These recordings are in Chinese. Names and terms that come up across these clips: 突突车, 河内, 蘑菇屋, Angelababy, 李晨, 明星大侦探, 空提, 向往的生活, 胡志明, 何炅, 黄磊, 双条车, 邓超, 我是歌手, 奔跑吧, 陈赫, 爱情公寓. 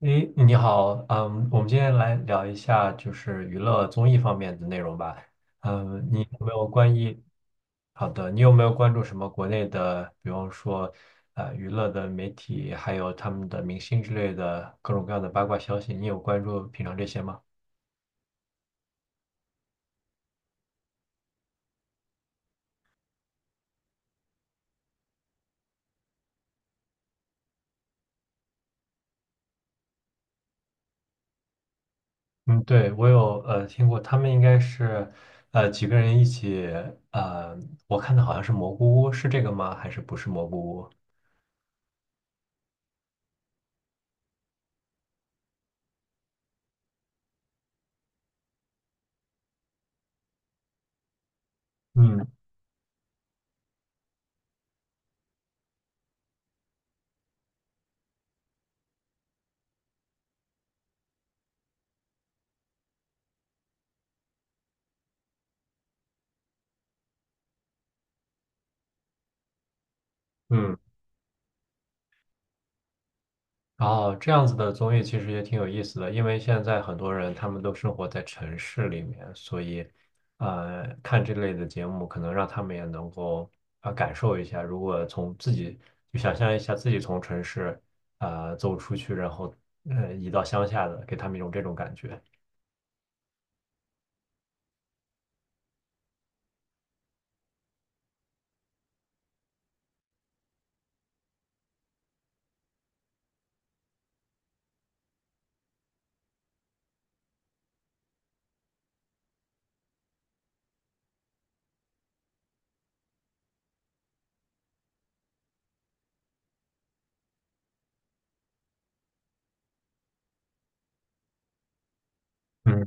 诶，你好，嗯，我们今天来聊一下就是娱乐综艺方面的内容吧。嗯，你有没有关于，好的，你有没有关注什么国内的，比方说，娱乐的媒体，还有他们的明星之类的各种各样的八卦消息？你有关注平常这些吗？嗯，对，我有听过，他们应该是几个人一起，呃，我看的好像是蘑菇屋，是这个吗？还是不是蘑菇屋？嗯嗯。哦，这样子的综艺其实也挺有意思的，因为现在很多人他们都生活在城市里面，所以，看这类的节目可能让他们也能够感受一下，如果从自己就想象一下自己从城市走出去，然后移到乡下的，给他们一种这种感觉。嗯。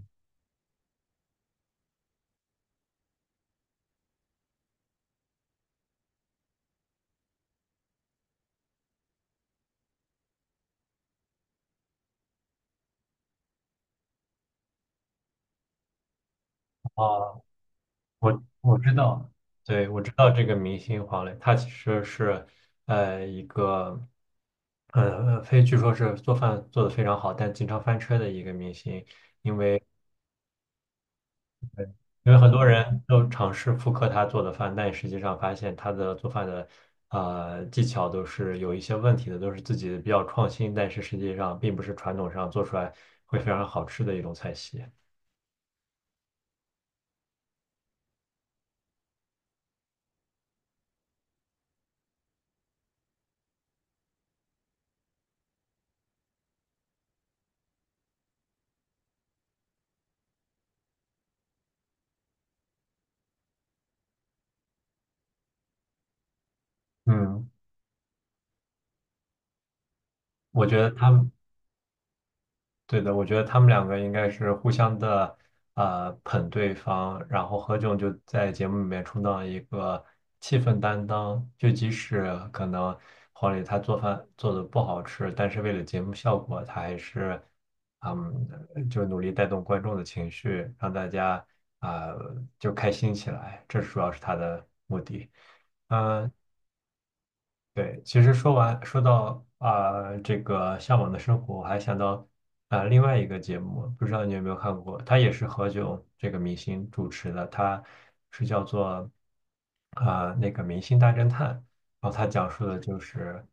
哦，我知道，对，我知道这个明星黄磊，他其实是一个，呃，非据说是做饭做得非常好，但经常翻车的一个明星。因为很多人都尝试复刻他做的饭，但实际上发现他的做饭的技巧都是有一些问题的，都是自己比较创新，但是实际上并不是传统上做出来会非常好吃的一种菜系。嗯，我觉得他们。对的，我觉得他们两个应该是互相的，呃，捧对方，然后何炅就在节目里面充当一个气氛担当，就即使可能黄磊他做饭做的不好吃，但是为了节目效果，他还是，嗯，就努力带动观众的情绪，让大家就开心起来，这主要是他的目的。嗯，对，其实说完说到这个向往的生活，我还想到另外一个节目，不知道你有没有看过，它也是何炅这个明星主持的，它是叫做那个《明星大侦探》，然后它讲述的就是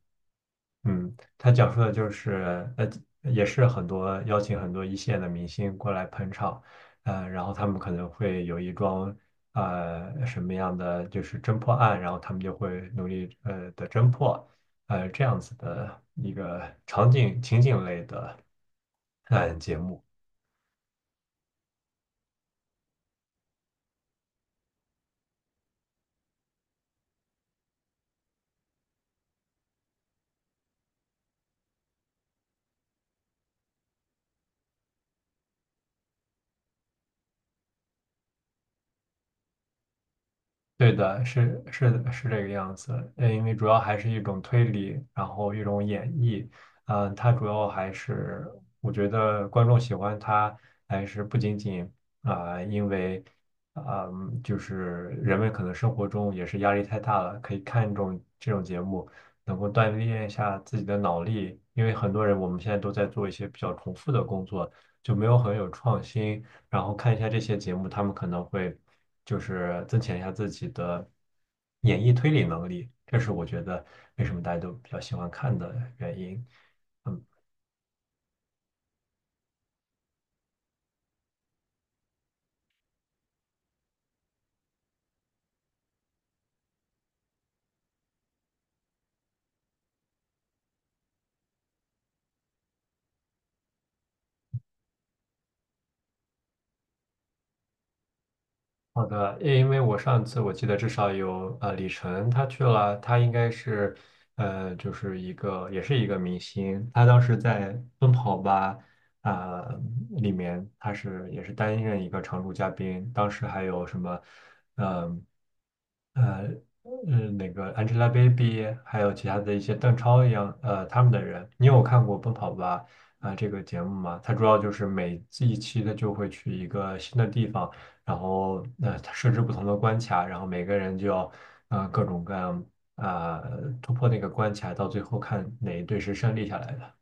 嗯，他讲述的就是，呃，也是很多邀请很多一线的明星过来捧场，呃，然后他们可能会有一桩，呃，什么样的就是侦破案，然后他们就会努力的侦破，呃，这样子的一个场景情景类的，呃，节目。对的，是是的是这个样子，呃，因为主要还是一种推理，然后一种演绎，嗯、它主要还是我觉得观众喜欢它，还是不仅仅因为啊、就是人们可能生活中也是压力太大了，可以看这种节目，能够锻炼一下自己的脑力，因为很多人我们现在都在做一些比较重复的工作，就没有很有创新。然后看一下这些节目，他们可能会就是增强一下自己的演绎推理能力，这是我觉得为什么大家都比较喜欢看的原因。好的，因为我上次我记得至少有李晨他去了，他应该是就是一个也是一个明星，他当时在《奔跑吧》啊、里面他是也是担任一个常驻嘉宾，当时还有什么嗯呃那个 Angelababy，还有其他的一些邓超一样他们的人，你有看过《奔跑吧》这个节目吗？它主要就是每一期它就会去一个新的地方。然后设置不同的关卡，然后每个人就要呃各种各样突破那个关卡，到最后看哪一队是胜利下来的。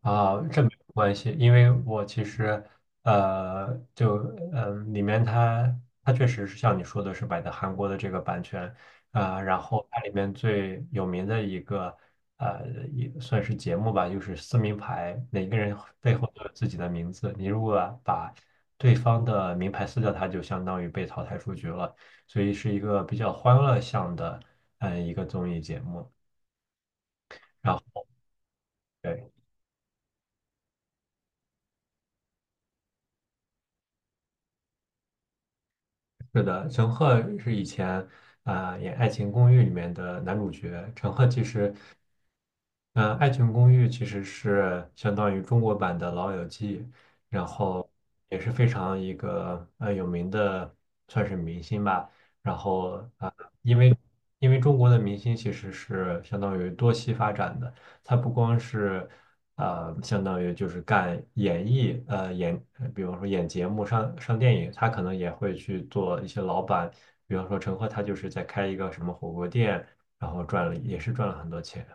啊，这没有关系，因为我其实，呃，就里面它确实是像你说的是买的韩国的这个版权，然后它里面最有名的一个，呃，也算是节目吧，就是撕名牌，每个人背后都有自己的名字，你如果把对方的名牌撕掉，它就相当于被淘汰出局了，所以是一个比较欢乐向的，嗯、一个综艺节目。然后对。是的，陈赫是以前演《爱情公寓》里面的男主角。陈赫其实，嗯、爱情公寓》其实是相当于中国版的《老友记》，然后也是非常一个有名的，算是明星吧。然后因为因为中国的明星其实是相当于多栖发展的，他不光是。呃，相当于就是干演艺，呃，演，呃比方说演节目、上电影，他可能也会去做一些老板，比方说陈赫，他就是在开一个什么火锅店，然后赚了，也是赚了很多钱。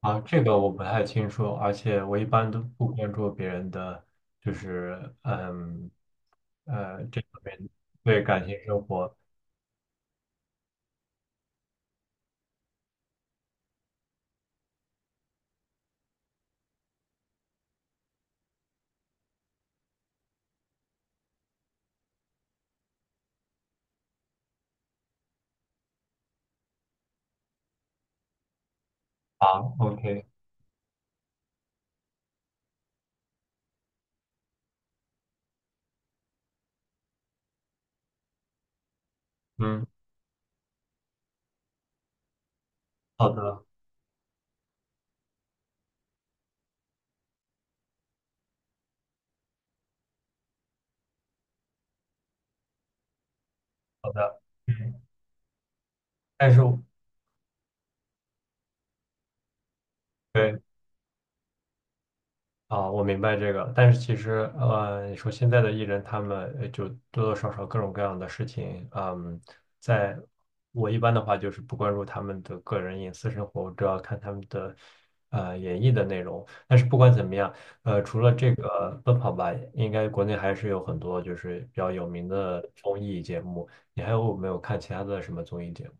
啊，这个我不太清楚，而且我一般都不关注别人的，就是嗯，呃，这方面对感情生活。啊，OK，嗯，好的，好的，嗯，但是我对。啊，我明白这个，但是其实，呃，你说现在的艺人，他们就多多少少各种各样的事情，嗯，在我一般的话就是不关注他们的个人隐私生活，我主要看他们的演绎的内容。但是不管怎么样，呃，除了这个奔跑吧，应该国内还是有很多就是比较有名的综艺节目。你还有没有看其他的什么综艺节目？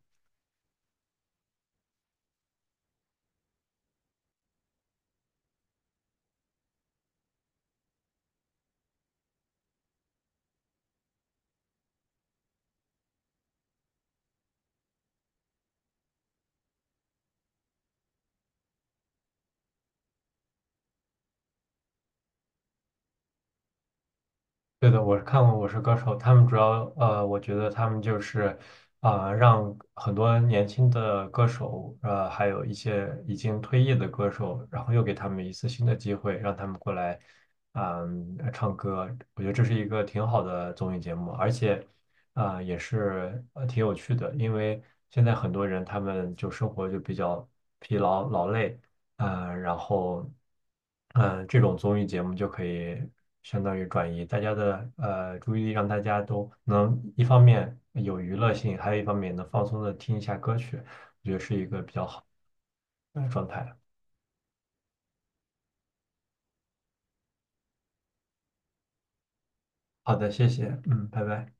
对的，我是看过《我是歌手》，他们主要呃，我觉得他们就是让很多年轻的歌手，呃，还有一些已经退役的歌手，然后又给他们一次新的机会，让他们过来，嗯、唱歌。我觉得这是一个挺好的综艺节目，而且也是挺有趣的，因为现在很多人他们就生活就比较疲劳劳累。呃，然后，嗯，这种综艺节目就可以相当于转移大家的注意力，让大家都能一方面有娱乐性，还有一方面能放松的听一下歌曲，呃，状态。好的，谢谢，嗯，拜拜。